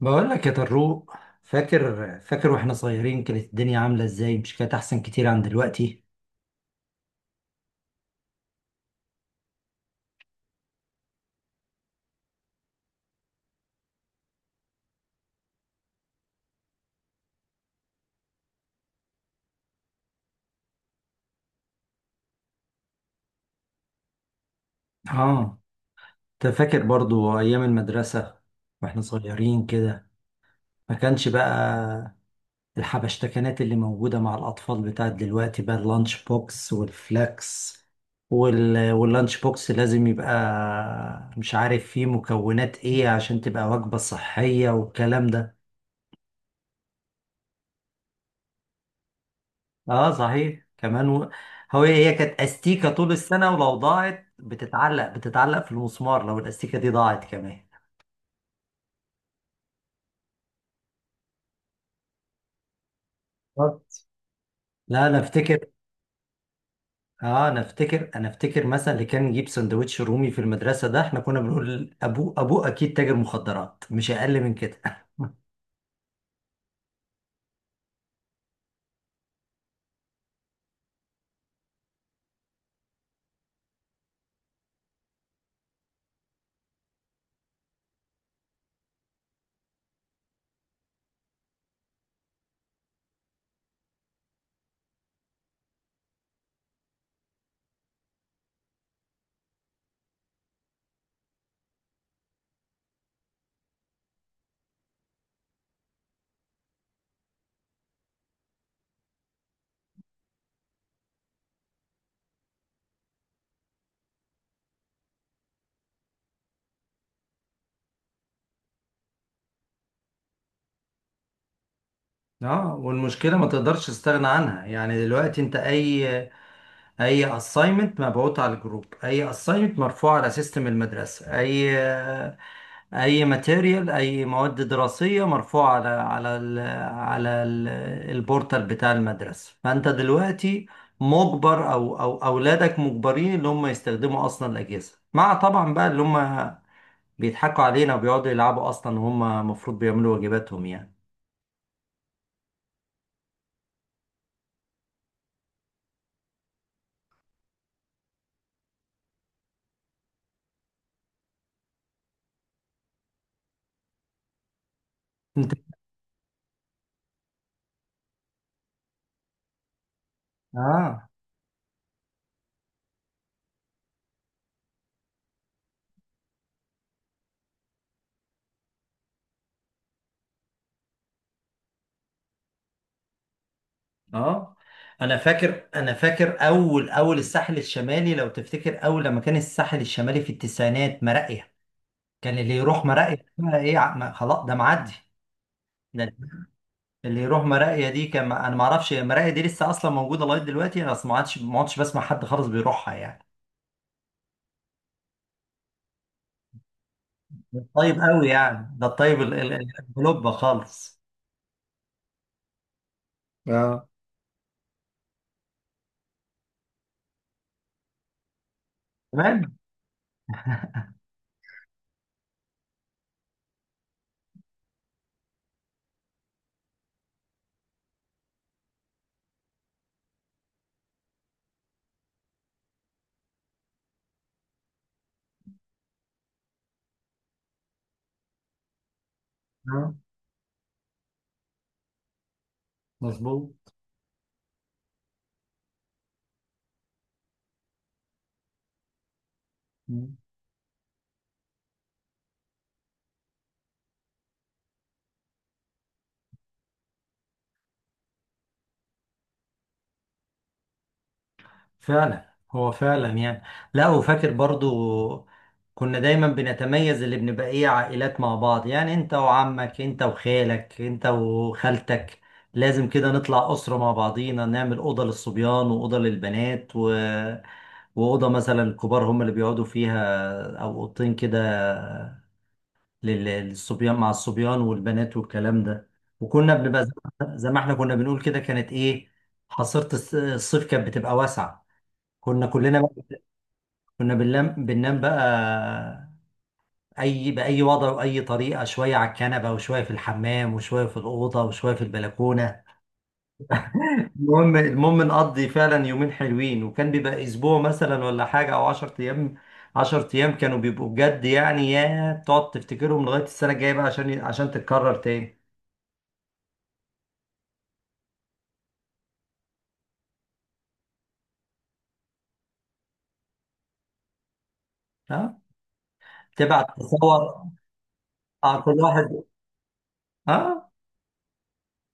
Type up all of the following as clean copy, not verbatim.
بقول لك يا طروق. فاكر واحنا صغيرين كانت الدنيا عاملة ازاي؟ مش كانت احسن كتير عن دلوقتي؟ اه، انت فاكر برضو ايام المدرسة واحنا صغيرين كده؟ ما كانش بقى الحبشتكنات اللي موجودة مع الاطفال بتاعت دلوقتي، بقى اللانش بوكس والفلاكس وال... واللانش بوكس لازم يبقى مش عارف فيه مكونات ايه عشان تبقى وجبة صحية والكلام ده. اه صحيح كمان و... هي كانت استيكه طول السنه، ولو ضاعت بتتعلق في المسمار، لو الاستيكه دي ضاعت كمان. بالظبط. لا انا افتكر. اه، انا افتكر انا افتكر مثلا اللي كان يجيب سندوتش رومي في المدرسه ده، احنا كنا بنقول ابوه اكيد تاجر مخدرات، مش اقل من كده. اه، والمشكله ما تقدرش تستغنى عنها يعني. دلوقتي انت اي اساينمنت مبعوت على الجروب، اي اساينمنت مرفوع على سيستم المدرسه، اي ماتيريال، اي مواد دراسيه مرفوعه على على ال على ال البورتال بتاع المدرسه. فانت دلوقتي مجبر، او اولادك مجبرين ان هم يستخدموا اصلا الاجهزه، مع طبعا بقى اللي هم بيضحكوا علينا وبيقعدوا يلعبوا اصلا، هم المفروض بيعملوا واجباتهم يعني. انت اه. اه، انا فاكر اول الساحل الشمالي لو تفتكر، اول لما كان الساحل الشمالي في التسعينات مراقيه، كان اللي يروح مراقيه بقى ايه؟ خلاص ده معدي. ده اللي يروح مراقيا دي كان. انا ما اعرفش مراقيا دي لسه اصلا موجوده لغايه دلوقتي، انا أصلاً ما عادش بسمع حد خالص بيروحها يعني. طيب قوي يعني، ده الطيب القلوب خالص. اه، تمام. آه، مظبوط. مم. فعلا، هو فعلا يعني. لا، وفاكر برضو كنا دايما بنتميز اللي بنبقى ايه، عائلات مع بعض. يعني انت وعمك، انت وخالك، انت وخالتك لازم كده نطلع أسرة مع بعضينا، نعمل أوضة للصبيان وأوضة للبنات و... وأوضة مثلا الكبار هم اللي بيقعدوا فيها، أو أوضتين كده للصبيان مع الصبيان والبنات، والكلام ده. وكنا بنبقى زي زي ما احنا كنا بنقول كده، كانت إيه، حصيرة الصيف كانت بتبقى واسعة. كنا كلنا بقى كنا بننام بقى أي بأي وضع وأي طريقة، شوية على الكنبة وشوية في الحمام وشوية في الأوضة وشوية في البلكونة. المهم نقضي فعلا يومين حلوين، وكان بيبقى اسبوع مثلا ولا حاجه او 10 ايام. 10 ايام كانوا بيبقوا بجد يعني، يا تقعد تفتكرهم لغايه السنه الجايه بقى عشان تتكرر تاني. ها، تبعت تصور. اه، كل واحد اه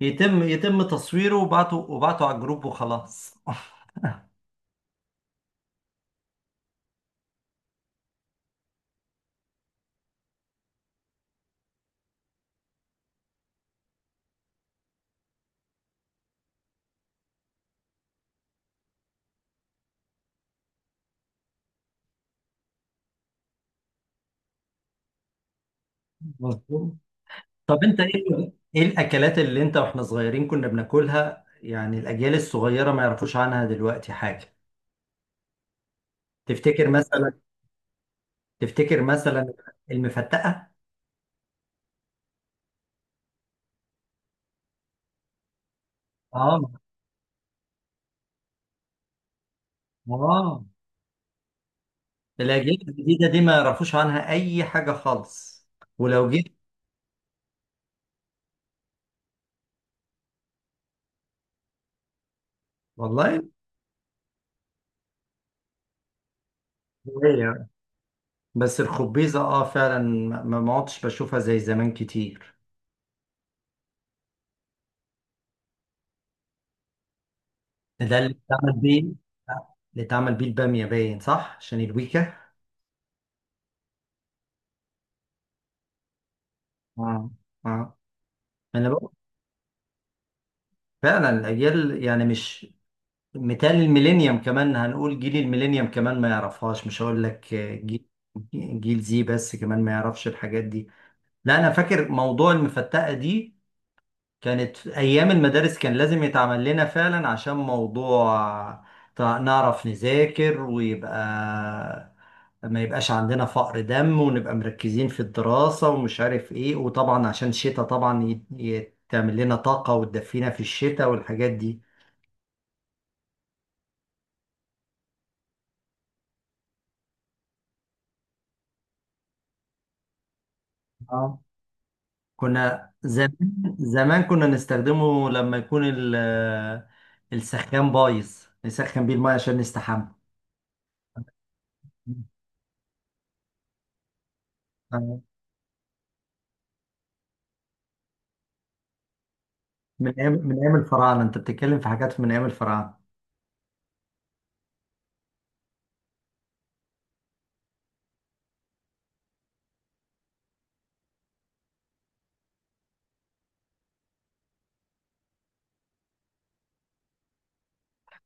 يتم تصويره وبعته على الجروب وخلاص. مظبوط. طب انت ايه، ايه الاكلات اللي انت واحنا صغيرين كنا بناكلها يعني الاجيال الصغيره ما يعرفوش عنها دلوقتي حاجه؟ تفتكر مثلا؟ تفتكر مثلا المفتقه. اه، اه، الاجيال الجديده دي ما يعرفوش عنها اي حاجه خالص. ولو جيت، والله. هي. بس الخبيزه اه فعلا ما عدتش بشوفها زي زمان كتير. ده اللي اتعمل بيه. اللي اتعمل بيه الباميه باين، صح؟ عشان الويكا. اه، اه، انا بقول فعلا الاجيال يعني مش مثال الميلينيوم كمان، هنقول جيل الميلينيوم كمان ما يعرفهاش. مش هقول لك جيل جيل زي، بس كمان ما يعرفش الحاجات دي. لا انا فاكر موضوع المفتقه دي، كانت في أيام المدارس كان لازم يتعمل لنا فعلا عشان موضوع نعرف نذاكر، ويبقى ما يبقاش عندنا فقر دم، ونبقى مركزين في الدراسة ومش عارف ايه. وطبعا عشان الشتاء، طبعا تعمل لنا طاقة وتدفينا في الشتاء والحاجات دي. اه، كنا زمان كنا نستخدمه لما يكون السخان بايظ، نسخن بيه الماء عشان نستحمى. من ايام الفراعنه، انت بتتكلم في حاجات من ايام الفراعنه.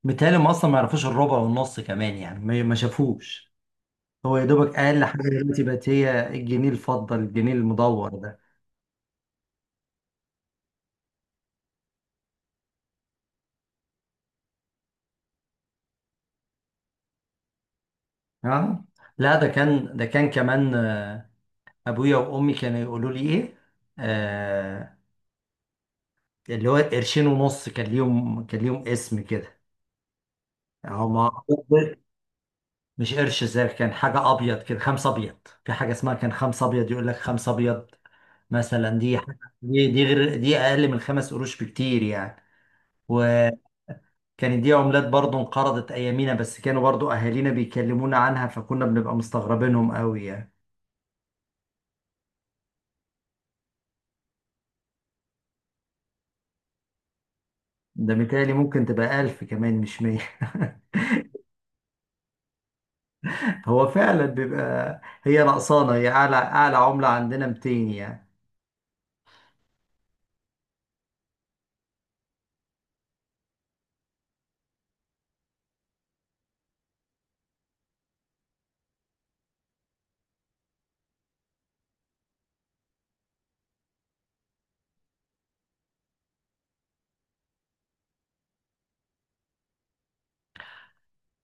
متهيألي هم اصلا ما يعرفوش الربع والنص كمان يعني، ما شافوش. هو يا دوبك اقل حاجه دلوقتي بقت هي الجنيه الفضه، الجنيه المدور ده. ها، لا، ده كان كمان آه، ابويا وامي كانوا يقولوا لي ايه، آه، اللي هو قرشين ونص، كان ليهم اسم كده هما. مش قرش زي، كان حاجه ابيض كده، خمسه ابيض. في حاجه اسمها كان خمسه ابيض، يقول لك خمسه ابيض مثلا. دي حاجة دي غير دي، اقل من خمس قروش بكتير يعني. وكانت دي عملات برضو انقرضت ايامينا، بس كانوا برضو اهالينا بيكلمونا عنها، فكنا بنبقى مستغربينهم قوي يعني. ده متهيألي ممكن تبقى ألف كمان، مش مية. هو فعلا بيبقى هي نقصانة، هي أعلى أعلى عملة عندنا 200 يعني.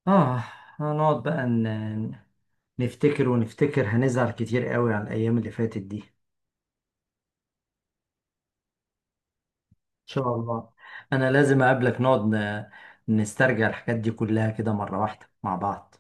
آه، هنقعد بقى نفتكر ونفتكر، هنزعل كتير قوي على الأيام اللي فاتت دي. شاء الله. انا لازم اقابلك نقعد نسترجع الحاجات دي كلها كده مرة واحدة مع بعض.